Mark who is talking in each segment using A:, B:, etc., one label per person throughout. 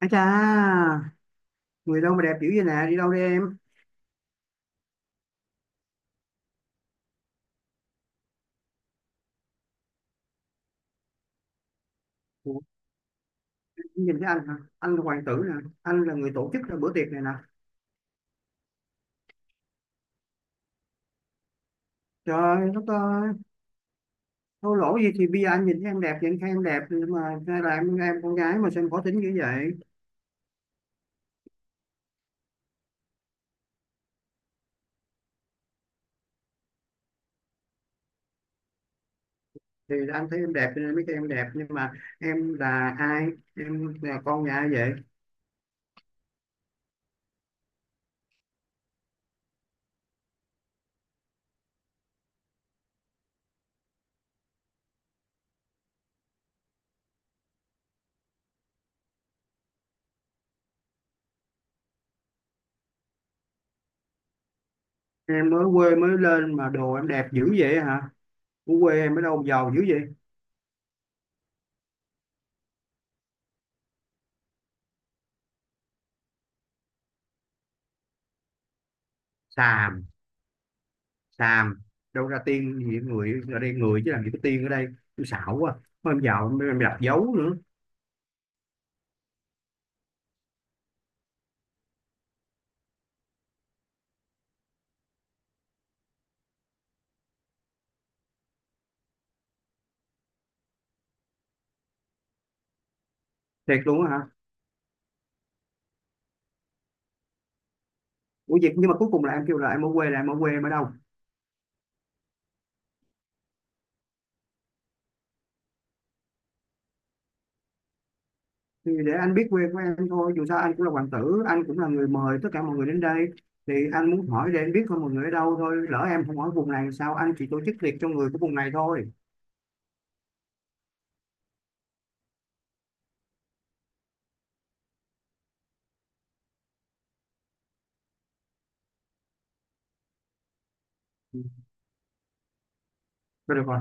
A: À cha, người đâu mà đẹp dữ vậy nè, đi đâu đi em? Ủa, em nhìn thấy anh hả? Anh là hoàng tử nè, anh là người tổ chức ra bữa tiệc này nè. Trời ơi, đất ơi, thô lỗ gì thì bây giờ anh nhìn thấy em đẹp, vậy anh khen em đẹp, nhưng mà hay là em con gái mà sao em khó tính như vậy? Thì anh thấy em đẹp cho nên mới khen em đẹp, nhưng mà em là ai? Em là con nhà ai vậy? Em mới quê mới lên mà đồ em đẹp dữ vậy hả? Ở quê em ở đâu mà giàu dữ vậy? Xàm, xàm, đâu ra tiên gì, người ở đây người chứ làm gì có tiên ở đây. Tôi xạo quá, mới em vào mới em đặt dấu nữa. Thiệt luôn á hả? Ủa vậy nhưng mà cuối cùng là em kêu là em ở quê, là em ở quê em ở đâu? Thì để anh biết quê của em thôi, dù sao anh cũng là hoàng tử, anh cũng là người mời tất cả mọi người đến đây. Thì anh muốn hỏi để anh biết thôi mọi người ở đâu thôi, lỡ em không hỏi vùng này sao, anh chỉ tổ chức tiệc cho người của vùng này thôi. Thôi được rồi,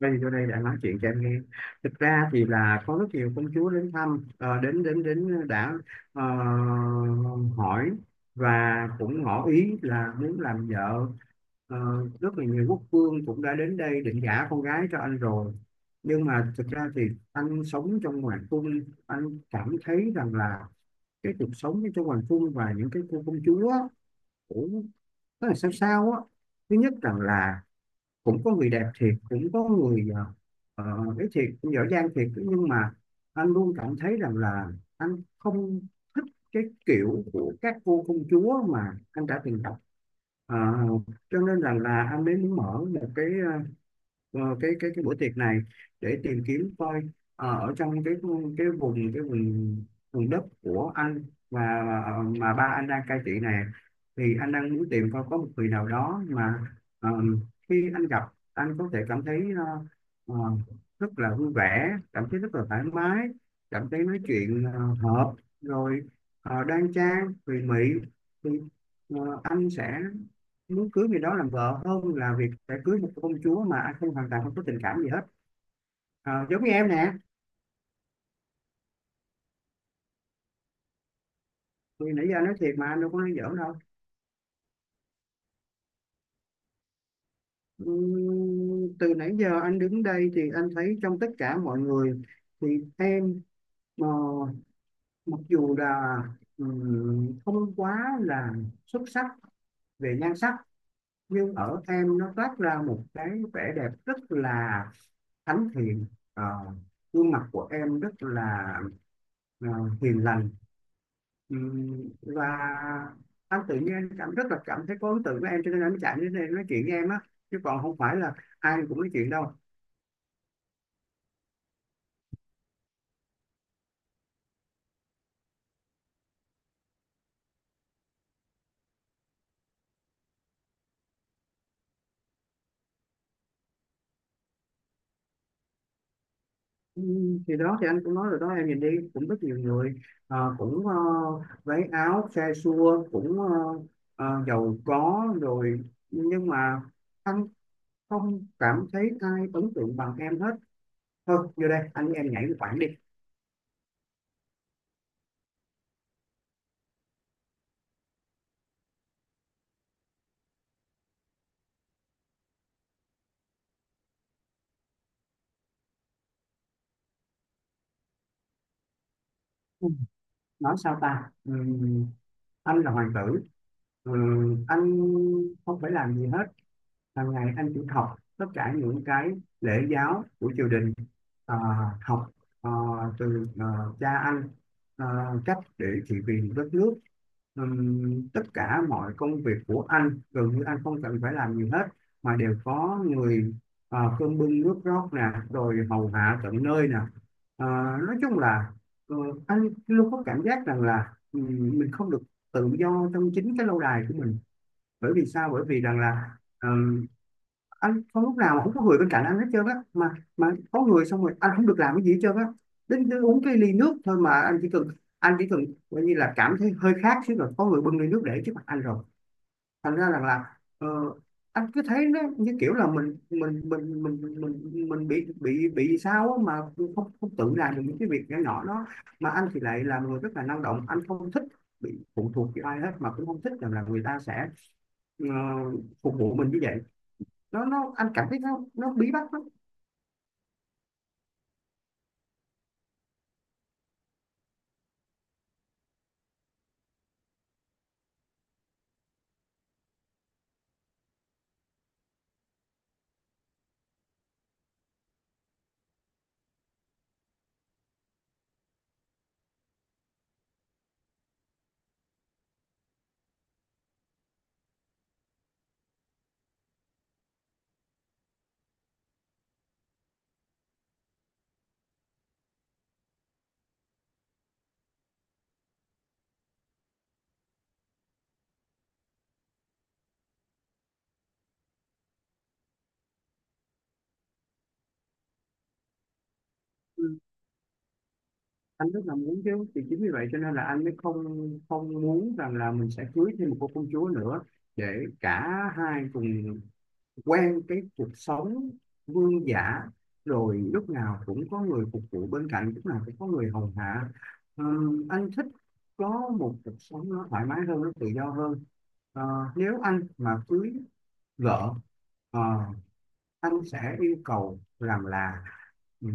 A: đây thì vô đây đã, nói chuyện cho em nghe. Thực ra thì là có rất nhiều công chúa đến thăm, đến đến đến đã, ờ, hỏi, và cũng ngỏ ý là muốn làm vợ. Ờ, Rất là nhiều quốc vương cũng đã đến đây định gả con gái cho anh rồi, nhưng mà thực ra thì anh sống trong hoàng cung, anh cảm thấy rằng là cái cuộc sống trong hoàng cung và những cái cô công chúa á, cũng rất là sao sao á. Thứ nhất rằng là cũng có người đẹp thiệt, cũng có người ờ, ấy thiệt, cũng giỏi giang thiệt, nhưng mà anh luôn cảm thấy rằng là anh không thích cái kiểu của các vua công chúa mà anh đã từng đọc. Ờ, cho nên rằng là anh mới muốn mở một cái cái buổi tiệc này để tìm kiếm coi ở trong cái vùng vùng đất của anh, và mà ba anh đang cai trị này, thì anh đang muốn tìm coi có một người nào đó mà ờ, khi anh gặp, anh có thể cảm thấy ờ, rất là vui vẻ, cảm thấy rất là thoải mái, cảm thấy nói chuyện hợp rồi, đoan trang tùy mị, thì anh sẽ muốn cưới người đó làm vợ hơn là việc phải cưới một công chúa mà anh không hoàn toàn không có tình cảm gì hết. À, giống như em nè. Thì nãy giờ nói thiệt mà, anh đâu có nói giỡn đâu. Từ nãy giờ anh đứng đây thì anh thấy trong tất cả mọi người thì em ờ, mặc dù là không quá là xuất sắc về nhan sắc, nhưng ở em nó toát ra một cái vẻ đẹp rất là thánh thiện. Ờ, Gương mặt của em rất là ờ, hiền lành. Và anh tự nhiên anh cảm rất là cảm thấy có ấn tượng với em, cho nên anh mới chạy đến đây anh nói chuyện với em á, chứ còn không phải là ai cũng nói chuyện đâu. Thì đó thì anh cũng nói rồi đó, em nhìn đi, cũng rất nhiều người cũng váy áo xe xua, cũng giàu có rồi, nhưng mà anh không cảm thấy ai ấn tượng bằng em hết. Thôi vô đây anh với em nhảy một khoảng đi. Ừ. Nói sao ta, anh là hoàng tử. Anh không phải làm gì hết, hàng ngày anh chỉ học tất cả những cái lễ giáo của triều đình, à, học à, từ cha anh à, cách để trị vì đất nước. Tất cả mọi công việc của anh gần như anh không cần phải làm gì hết, mà đều có người, cơm bưng nước rót nè, rồi hầu hạ tận nơi nè. à, nói chung là ờ, anh luôn có cảm giác rằng là mình không được tự do trong chính cái lâu đài của mình. Bởi vì sao? Bởi vì rằng là um, anh không lúc nào không có người bên cạnh anh hết trơn á mà có người xong rồi anh không được làm cái gì hết trơn á. Đến, đến uống cái ly nước thôi, mà anh chỉ cần coi như là cảm thấy hơi khát chứ, rồi có người bưng ly nước để trước mặt anh rồi. Thành ra rằng là anh cứ thấy nó như kiểu là mình bị sao á mà, không không tự làm được những cái việc nhỏ nhỏ đó. Mà anh thì lại là người rất là năng động, anh không thích bị phụ thuộc vào ai hết, mà cũng không thích rằng là người ta sẽ ờ, phục vụ mình như vậy. Nó, anh cảm thấy nó bí bách lắm. Ừ. Anh rất là muốn chứ, thì chính vì vậy cho nên là anh mới không không muốn rằng là mình sẽ cưới thêm một cô công chúa nữa, để cả hai cùng quen cái cuộc sống vương giả, rồi lúc nào cũng có người phục vụ bên cạnh, lúc nào cũng có người hầu hạ. Ờ, anh thích có một cuộc sống nó thoải mái hơn, nó tự do hơn. Ờ, Nếu anh mà cưới vợ, ờ, anh sẽ yêu cầu rằng là ừ,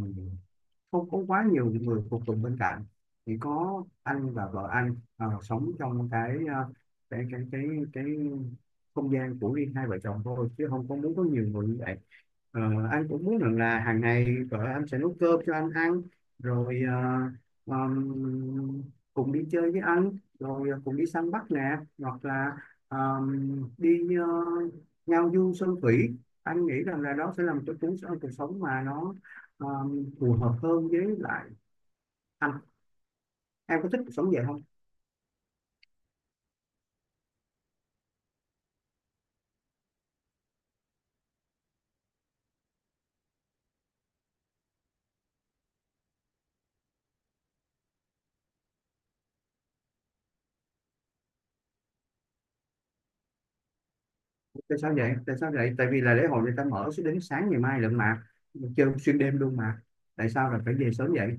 A: không có quá nhiều người phục tùng bên cạnh, chỉ có anh và vợ anh sống trong cái cái cái cái không gian của riêng hai vợ chồng thôi, chứ không có muốn có nhiều người như vậy. Ờ, anh cũng muốn rằng là hàng ngày vợ anh sẽ nấu cơm cho anh ăn, rồi ờm, cùng đi chơi với anh, rồi cùng đi săn bắt nè, hoặc là ờm, đi ngao du sơn thủy. Anh nghĩ rằng là đó sẽ là một cái cuộc sống mà nó ờ, phù hợp hơn với lại anh. Em có thích cuộc sống vậy không? Tại sao vậy? Tại vì là lễ hội người ta mở sẽ đến sáng ngày mai lận mà, chơi xuyên đêm luôn mà, tại sao là phải về sớm vậy?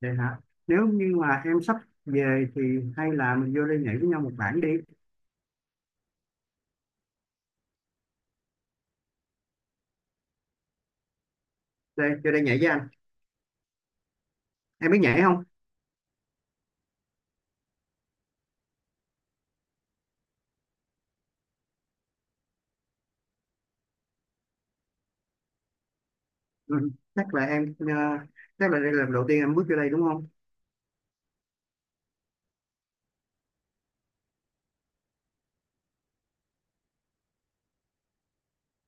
A: Vậy hả? Nếu như mà em sắp về thì hay là mình vô đây nhảy với nhau một bản đi. Đây, vô đây nhảy với anh. Em biết nhảy không? Ừ. Chắc là em chắc là đây là lần đầu tiên em bước vô đây đúng không?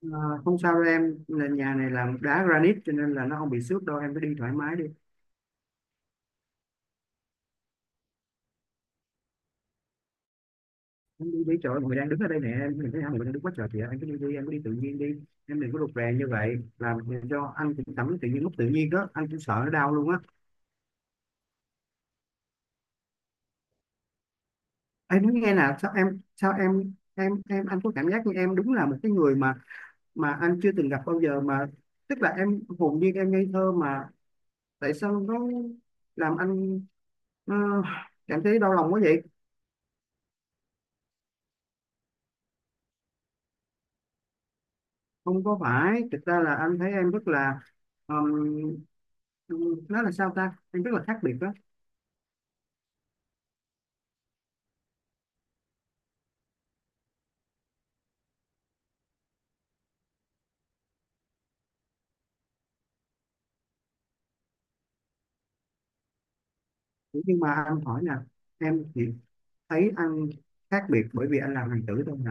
A: Ờ, không sao đâu em, là nhà này làm đá granite cho nên là nó không bị xước đâu, em cứ đi thoải mái đi. Em đi đi, trời ơi, mọi người đang đứng ở đây nè, em nhìn thấy hai người đang đứng quá trời kìa, anh cứ đi đi, em cứ đi tự nhiên đi. Em đừng có rụt rè như vậy làm cho anh cũng cảm tự nhiên, lúc tự nhiên đó anh cũng sợ nó đau luôn á. Em nói nghe nè, sao em em anh có cảm giác như em đúng là một cái người mà anh chưa từng gặp bao giờ mà, tức là em hồn nhiên em ngây thơ mà, tại sao nó làm anh ờ, cảm thấy đau lòng quá vậy? Không có phải, thực ra là anh thấy em rất là ờm, nó là sao ta, em rất là khác biệt đó. Nhưng mà anh hỏi nè, em chỉ thấy anh khác biệt bởi vì anh làm hoàng tử thôi nè?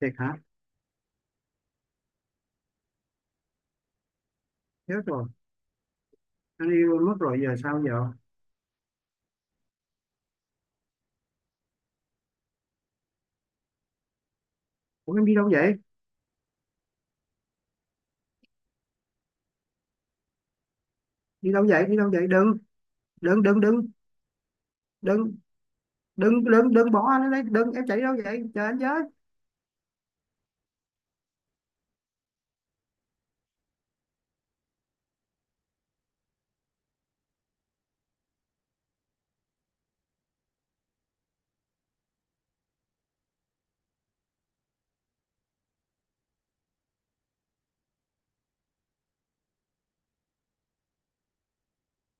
A: Thiệt hả? Chết rồi, anh yêu mất rồi, giờ sao giờ? Ủa em đi đâu vậy? Đi đâu vậy? Đừng đừng đừng đừng đừng đừng đừng đừng bỏ anh ở đây, đừng, em chạy đi đâu vậy, chờ anh với.